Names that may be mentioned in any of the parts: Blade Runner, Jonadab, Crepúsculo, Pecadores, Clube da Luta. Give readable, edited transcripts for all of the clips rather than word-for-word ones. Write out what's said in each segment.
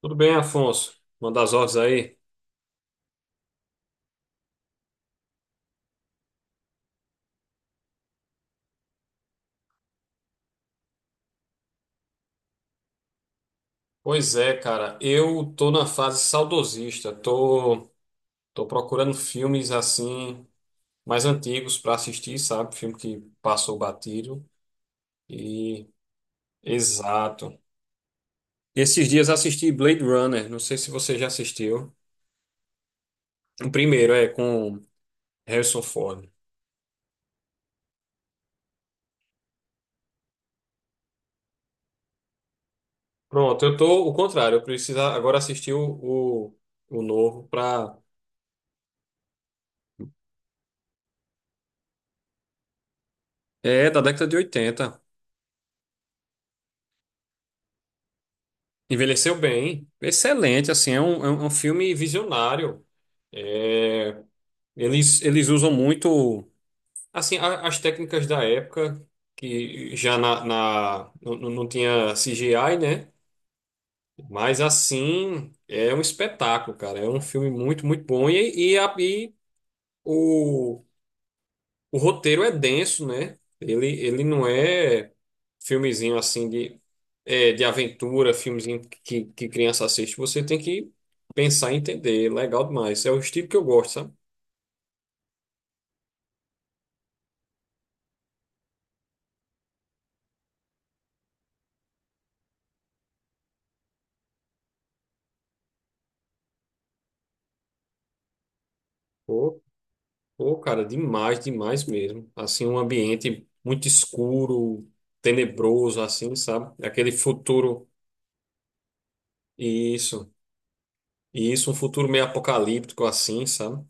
Tudo bem, Afonso? Manda as ordens aí. Pois é, cara, eu tô na fase saudosista. Tô procurando filmes assim mais antigos pra assistir, sabe? Filme que passou batido. E Exato. Esses dias assisti Blade Runner, não sei se você já assistiu. O primeiro é com Harrison Ford. Pronto, eu tô o contrário, eu preciso agora assistir o novo pra. É, da década de 80. Envelheceu bem, excelente, assim, é um filme visionário. É, eles usam muito, assim, as técnicas da época, que já não, não tinha CGI, né? Mas, assim, é um espetáculo, cara. É um filme muito, muito bom. E o, o roteiro é denso, né? Ele não é. Filmezinho assim de, é, de aventura, filmezinho que criança assiste, você tem que pensar e entender. Legal demais. É o estilo que eu gosto, sabe? Pô, pô, cara, demais, demais mesmo. Assim, um ambiente muito escuro, tenebroso, assim, sabe? Aquele futuro. Isso. E isso, um futuro meio apocalíptico, assim, sabe?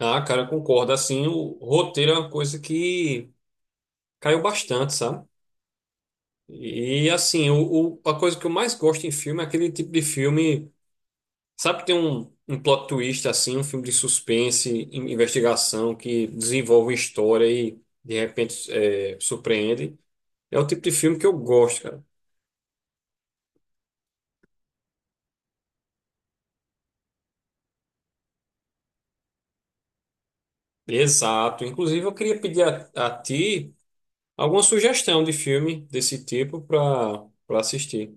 Ah, cara, eu concordo. Assim, o roteiro é uma coisa que caiu bastante, sabe? E assim, a coisa que eu mais gosto em filme é aquele tipo de filme. Sabe que tem um plot twist assim, um filme de suspense, investigação que desenvolve uma história e de repente é, surpreende. É o tipo de filme que eu gosto, cara. Exato. Inclusive, eu queria pedir a ti alguma sugestão de filme desse tipo para para assistir.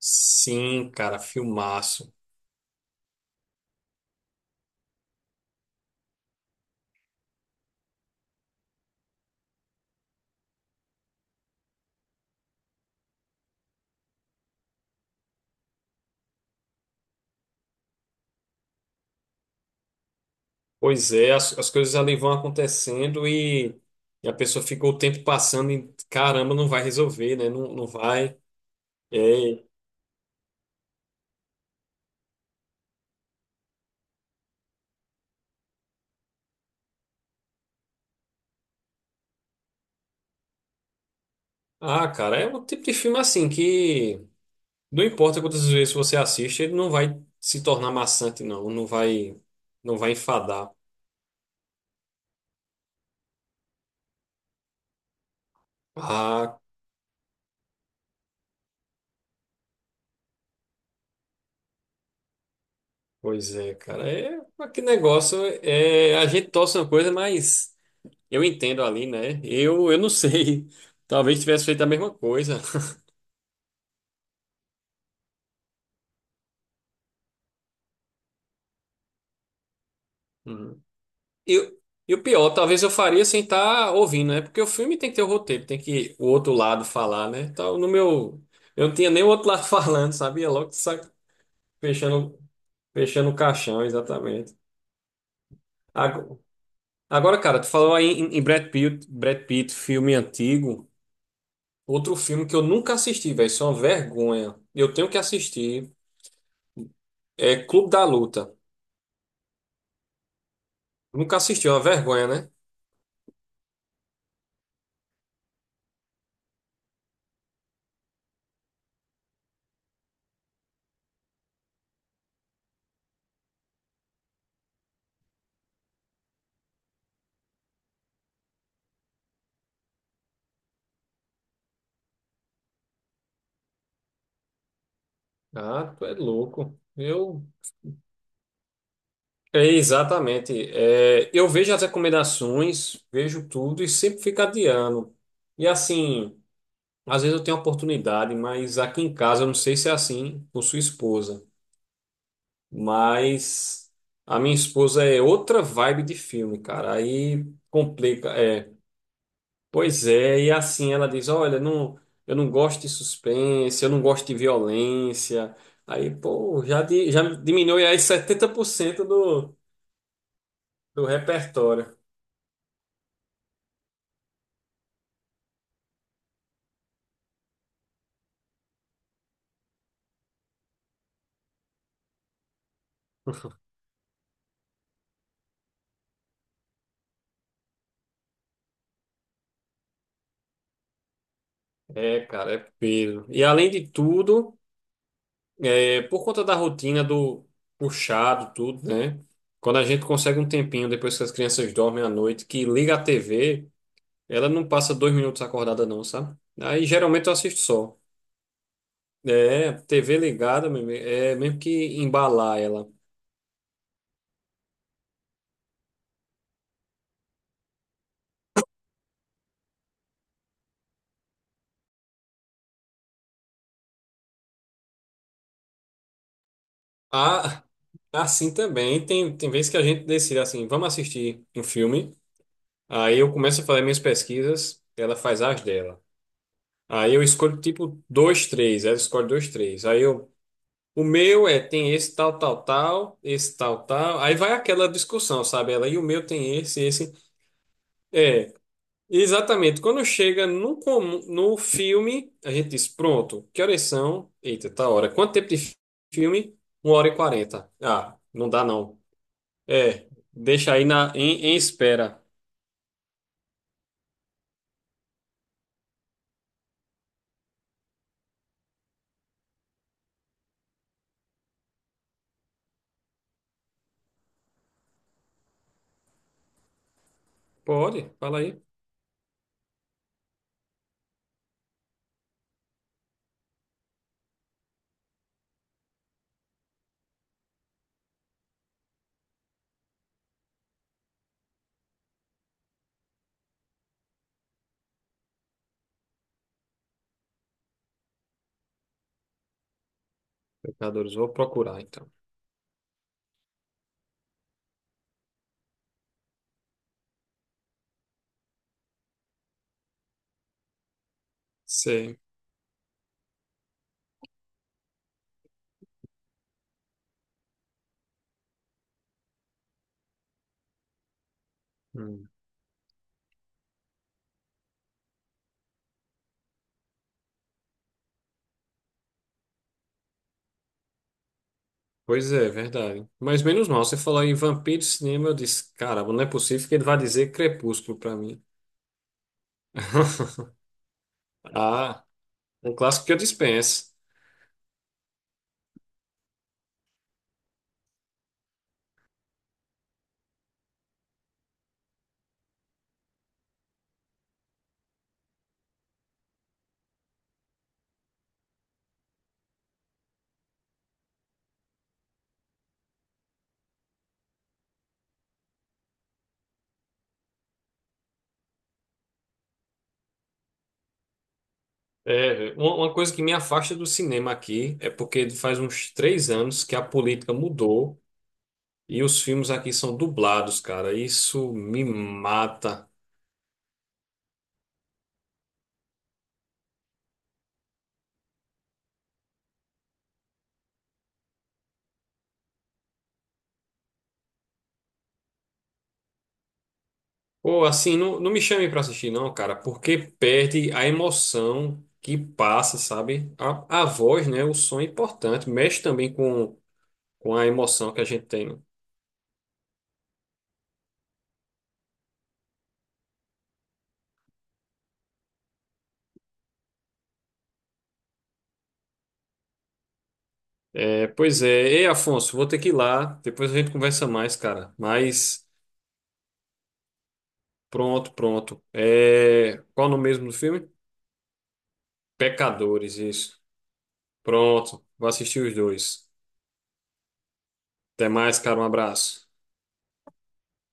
Sim, cara, filmaço. Pois é, as coisas ali vão acontecendo e a pessoa fica o tempo passando e caramba, não vai resolver, né? Não, não vai. É, ah, cara, é um tipo de filme assim que não importa quantas vezes você assiste, ele não vai se tornar maçante, não, não vai enfadar. Ah, pois é, cara, é mas que negócio é a gente torce uma coisa, mas eu entendo ali, né? Eu não sei, talvez tivesse feito a mesma coisa. Uhum. Eu, e o pior, talvez eu faria sem estar ouvindo, né? Porque o filme tem que ter o roteiro, tem que o outro lado falar, né? Então, no meu, eu não tinha nem o outro lado falando, sabia? Logo, Fechando, fechando o caixão, exatamente. Ago- Agora, cara, tu falou aí em Brad Pitt, Brad Pitt, filme antigo. Outro filme que eu nunca assisti, velho, isso é uma vergonha. Eu tenho que assistir. É Clube da Luta. Nunca assisti, é uma vergonha, né? Ah, tu é louco. Eu. É, exatamente. É, eu vejo as recomendações, vejo tudo e sempre fico adiando. E assim, às vezes eu tenho oportunidade, mas aqui em casa eu não sei se é assim com sua esposa. Mas a minha esposa é outra vibe de filme, cara. Aí complica. É, pois é, e assim ela diz: Olha, não, eu não gosto de suspense, eu não gosto de violência. Aí, pô, já, já diminuiu aí 70% do repertório. É, cara, é peso. E além de tudo, é, por conta da rotina do puxado, tudo, né? Quando a gente consegue um tempinho depois que as crianças dormem à noite, que liga a TV. Ela não passa 2 minutos acordada, não, sabe? Aí geralmente eu assisto só. É, TV ligada mesmo. É mesmo que embalar ela. Ah, assim também. Tem vezes que a gente decide assim: vamos assistir um filme. Aí eu começo a fazer minhas pesquisas, ela faz as dela. Aí eu escolho tipo dois, três. Ela escolhe dois, três. Aí eu. O meu é, tem esse tal, tal, tal, esse tal, tal. Aí vai aquela discussão, sabe? Ela, e o meu tem esse, esse. É. Exatamente. Quando chega no filme, a gente diz, pronto, que horas são? Eita, tá hora. Quanto tempo de filme? 1h40. Ah, não dá não. É, deixa aí em espera. Pode, fala aí. Pecadores, vou procurar então. Sei. Hum, Pois é, verdade. Mas menos mal, você falou em vampiro de cinema, eu disse, caramba, não é possível que ele vá dizer Crepúsculo pra mim. Ah, um clássico que eu dispenso. É, uma coisa que me afasta do cinema aqui é porque faz uns 3 anos que a política mudou e os filmes aqui são dublados, cara. Isso me mata. Ou assim, não, não me chame pra assistir, não, cara, porque perde a emoção que passa, sabe? A voz, né? O som é importante, mexe também com a emoção que a gente tem. Né? É, pois é. Ei, Afonso, vou ter que ir lá. Depois a gente conversa mais, cara. Mas pronto, pronto. É, qual o nome mesmo do filme? Pecadores, isso. Pronto, vou assistir os dois. Até mais, cara, um abraço.